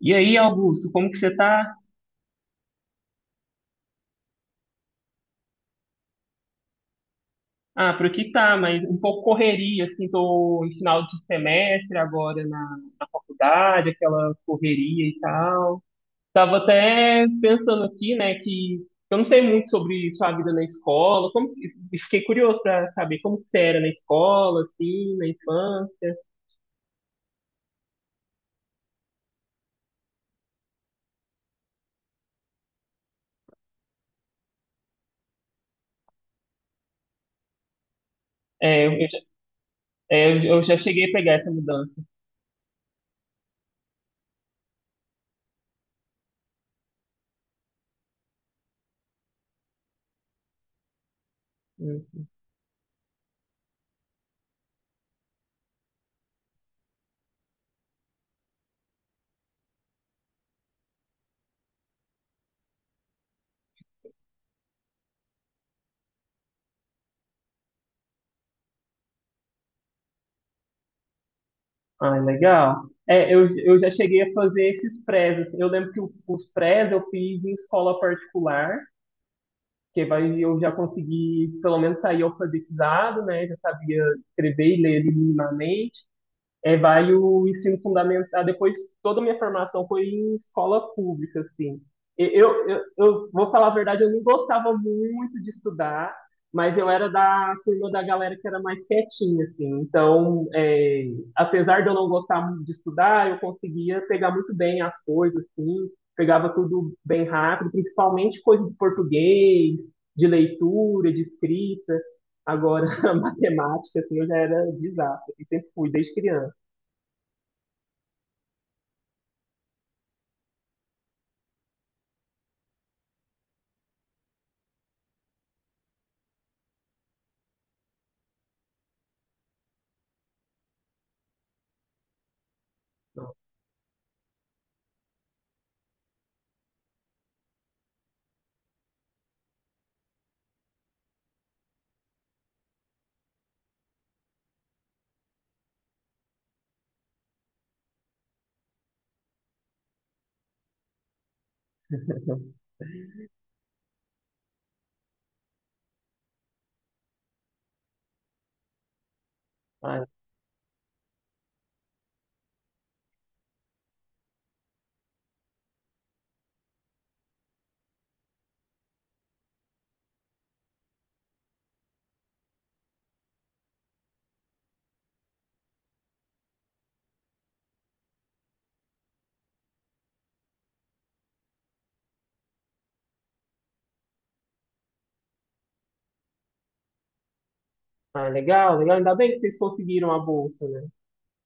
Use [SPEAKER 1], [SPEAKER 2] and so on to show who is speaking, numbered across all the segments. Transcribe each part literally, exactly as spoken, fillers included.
[SPEAKER 1] E aí, Augusto, como que você tá? Ah, por aqui tá, mas um pouco correria, assim, tô em final de semestre agora na, na faculdade, aquela correria e tal. Tava até pensando aqui, né, que eu não sei muito sobre sua vida na escola, como, e fiquei curioso pra saber como que você era na escola, assim, na infância. É, eu, já- é, eu já cheguei a pegar essa mudança. Ah, legal. É, eu, eu já cheguei a fazer esses prés. Assim, eu lembro que o- os prés eu fiz em escola particular, que vai, eu já consegui pelo menos sair alfabetizado, né? Já sabia escrever e ler minimamente. É, vai o ensino fundamental. Depois, toda a minha formação foi em escola pública, assim. E Eu, eu, eu vou falar a verdade, eu não gostava muito de estudar, mas eu era da turma da galera que era mais quietinha, assim. Então, é, apesar de eu não gostar muito de estudar, eu conseguia pegar muito bem as coisas, assim. Pegava tudo bem rápido, principalmente coisa de português, de leitura, de escrita. Agora, a matemática, assim, eu já era desastre, assim, sempre fui, desde criança. Ah, ah, legal, legal. Ainda bem que vocês conseguiram a bolsa, né?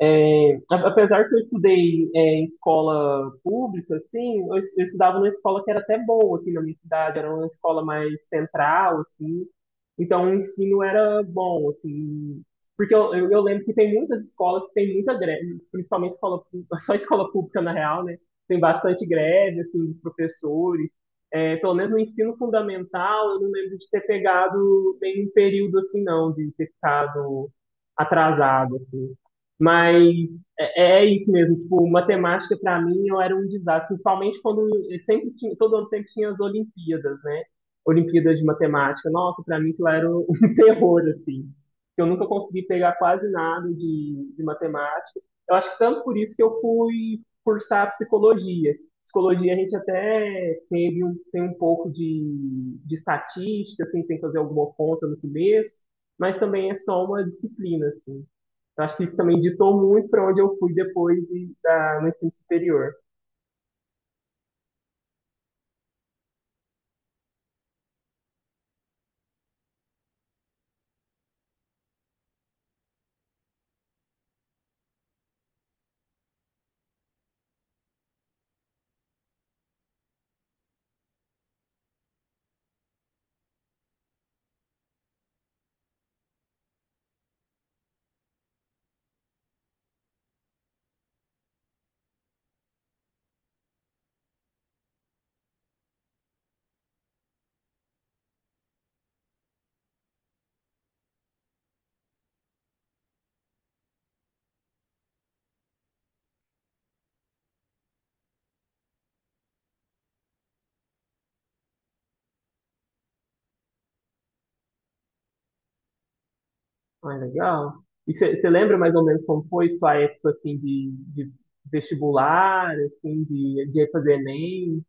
[SPEAKER 1] É, a- apesar que eu estudei é, em escola pública, assim, eu, es- eu estudava numa escola que era até boa aqui na minha cidade, era uma escola mais central, assim, então o ensino era bom, assim, porque eu, eu, eu lembro que tem muitas escolas que tem muita greve, principalmente escola, pú- só escola pública na real, né, tem bastante greve, assim, de professores. É, pelo menos no ensino fundamental, eu não lembro de ter pegado nenhum período, assim, não, de ter ficado atrasado, assim. Mas é, é é isso mesmo. Tipo, matemática, para mim, eu era um desastre, principalmente quando eu sempre tinha, todo ano sempre tinha as Olimpíadas, né? Olimpíadas de matemática. Nossa, para mim aquilo era um terror, assim. Eu nunca consegui pegar quase nada de, de matemática. Eu acho que tanto por isso que eu fui cursar psicologia. Psicologia a gente até teve um, tem um pouco de, de estatística, assim, tem que fazer alguma conta no começo, mas também é só uma disciplina, assim. Eu acho que isso também ditou muito para onde eu fui depois de, da, no ensino superior. Ah, legal. E você lembra mais ou menos como foi sua época assim de, de vestibular, assim, de, de fazer Enem,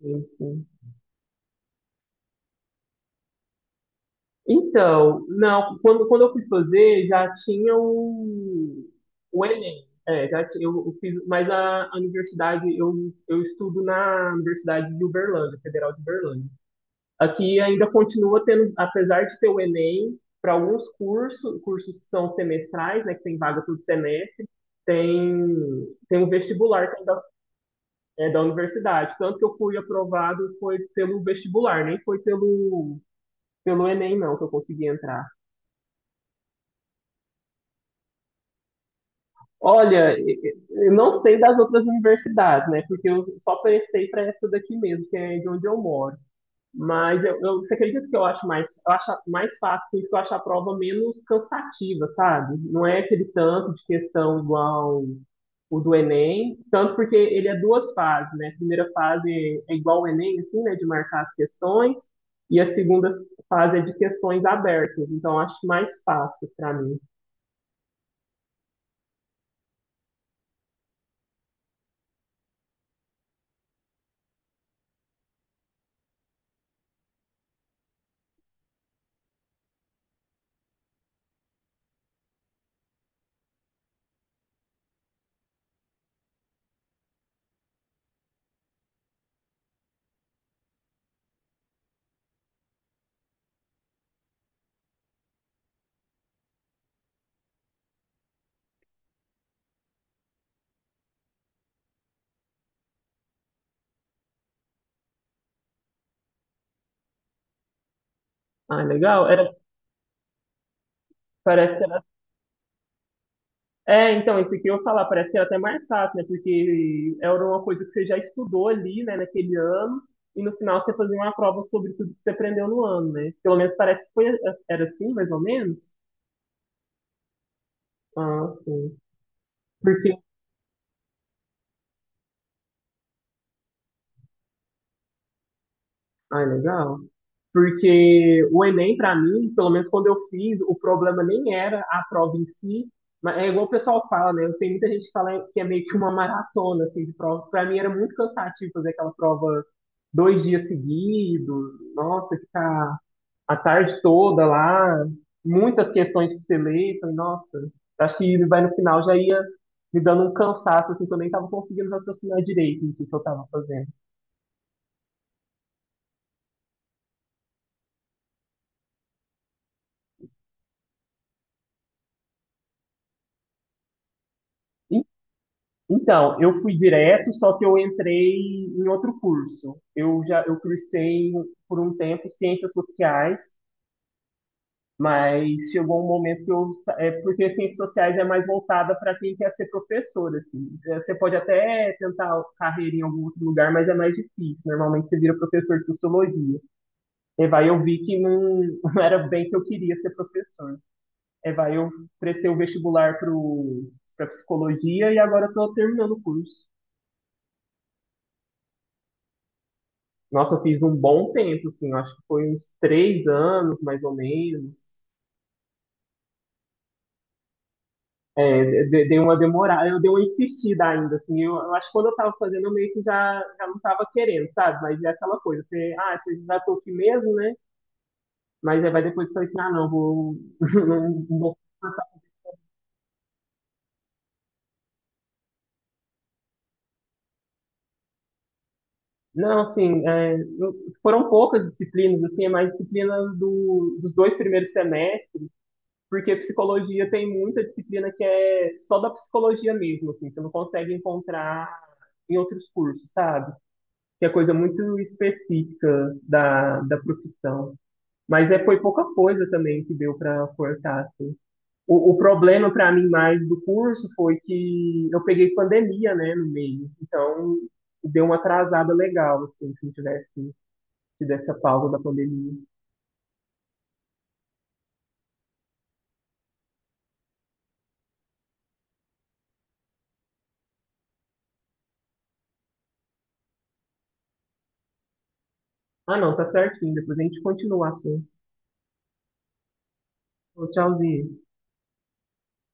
[SPEAKER 1] enfim? Então, não, quando, quando eu fui fazer, já tinha o, o Enem. É, já tinha, eu, eu fiz, mas a, a universidade, eu, eu estudo na Universidade de Uberlândia, Federal de Uberlândia. Aqui ainda continua tendo, apesar de ter o Enem, para alguns cursos, cursos que são semestrais, né, que tem vaga todo semestre, tem, tem um vestibular que ainda é da universidade. Tanto que eu fui aprovado foi pelo vestibular, nem foi pelo, pelo Enem, não, que eu consegui entrar. Olha, e- e- eu não sei das outras universidades, né? Porque eu só prestei para essa daqui mesmo, que é de onde eu moro. Mas eu, eu, você acredita que eu acho mais, eu acho mais fácil, assim, porque eu acho a prova menos cansativa, sabe? Não é aquele tanto de questão igual o do Enem, tanto porque ele é duas fases, né? A primeira fase é igual o Enem, assim, né, de marcar as questões, e a segunda fase é de questões abertas, então eu acho mais fácil para mim. Ah, legal. Era, parece. É, então, isso aqui eu falar, parece que era até mais fácil, né? Porque era uma coisa que você já estudou ali, né, naquele ano, e no final você fazia uma prova sobre tudo que você aprendeu no ano, né? Pelo menos parece que foi, era assim, mais ou menos. Ah, sim. Ah, é legal. Porque o Enem, para mim, pelo menos quando eu fiz, o problema nem era a prova em si, mas é igual o pessoal fala, né? Tem muita gente que fala que é meio que uma maratona, assim, de prova. Para mim era muito cansativo fazer aquela prova dois dias seguidos, nossa, ficar a tarde toda lá, muitas questões pra você ler, falei, nossa, acho que vai no final já ia me dando um cansaço, assim, que eu nem tava conseguindo raciocinar direito no que que eu tava fazendo. Então, eu fui direto, só que eu entrei em outro curso. Eu já eu cursei por um tempo ciências sociais, mas chegou um momento que eu sa- é porque ciências sociais é mais voltada para quem quer ser professor, assim. É, você pode até tentar carreira em algum outro lugar, mas é mais difícil. Normalmente você vira professor de sociologia. E vai, eu vi que não, não era bem que eu queria ser professor. E vai, eu prestei o vestibular para para psicologia e agora estou terminando o curso. Nossa, eu fiz um bom tempo, assim, eu acho que foi uns três anos, mais ou menos. É, de- dei uma demorada, eu dei uma insistida ainda, assim, eu, eu acho que quando eu tava fazendo, eu meio que já, já não tava querendo, sabe? Mas é aquela coisa, você, ah, você já tô aqui mesmo, né? Mas aí vai depois falar assim, ah, não, vou, não, não vou passar. Não, assim, é, não- foram poucas disciplinas, assim, é mais disciplina do, dos dois primeiros semestres, porque psicologia tem muita disciplina que é só da psicologia mesmo, assim, você não consegue encontrar em outros cursos, sabe? Que é coisa muito específica da, da profissão. Mas é, foi pouca coisa também que deu para cortar, assim. O, o problema para mim mais do curso foi que eu peguei pandemia, né, no meio. Então, deu uma atrasada legal, assim, se não tivesse tido essa pausa da pandemia. Ah, não, tá certinho. Depois a gente continua assim. Tchauzinho.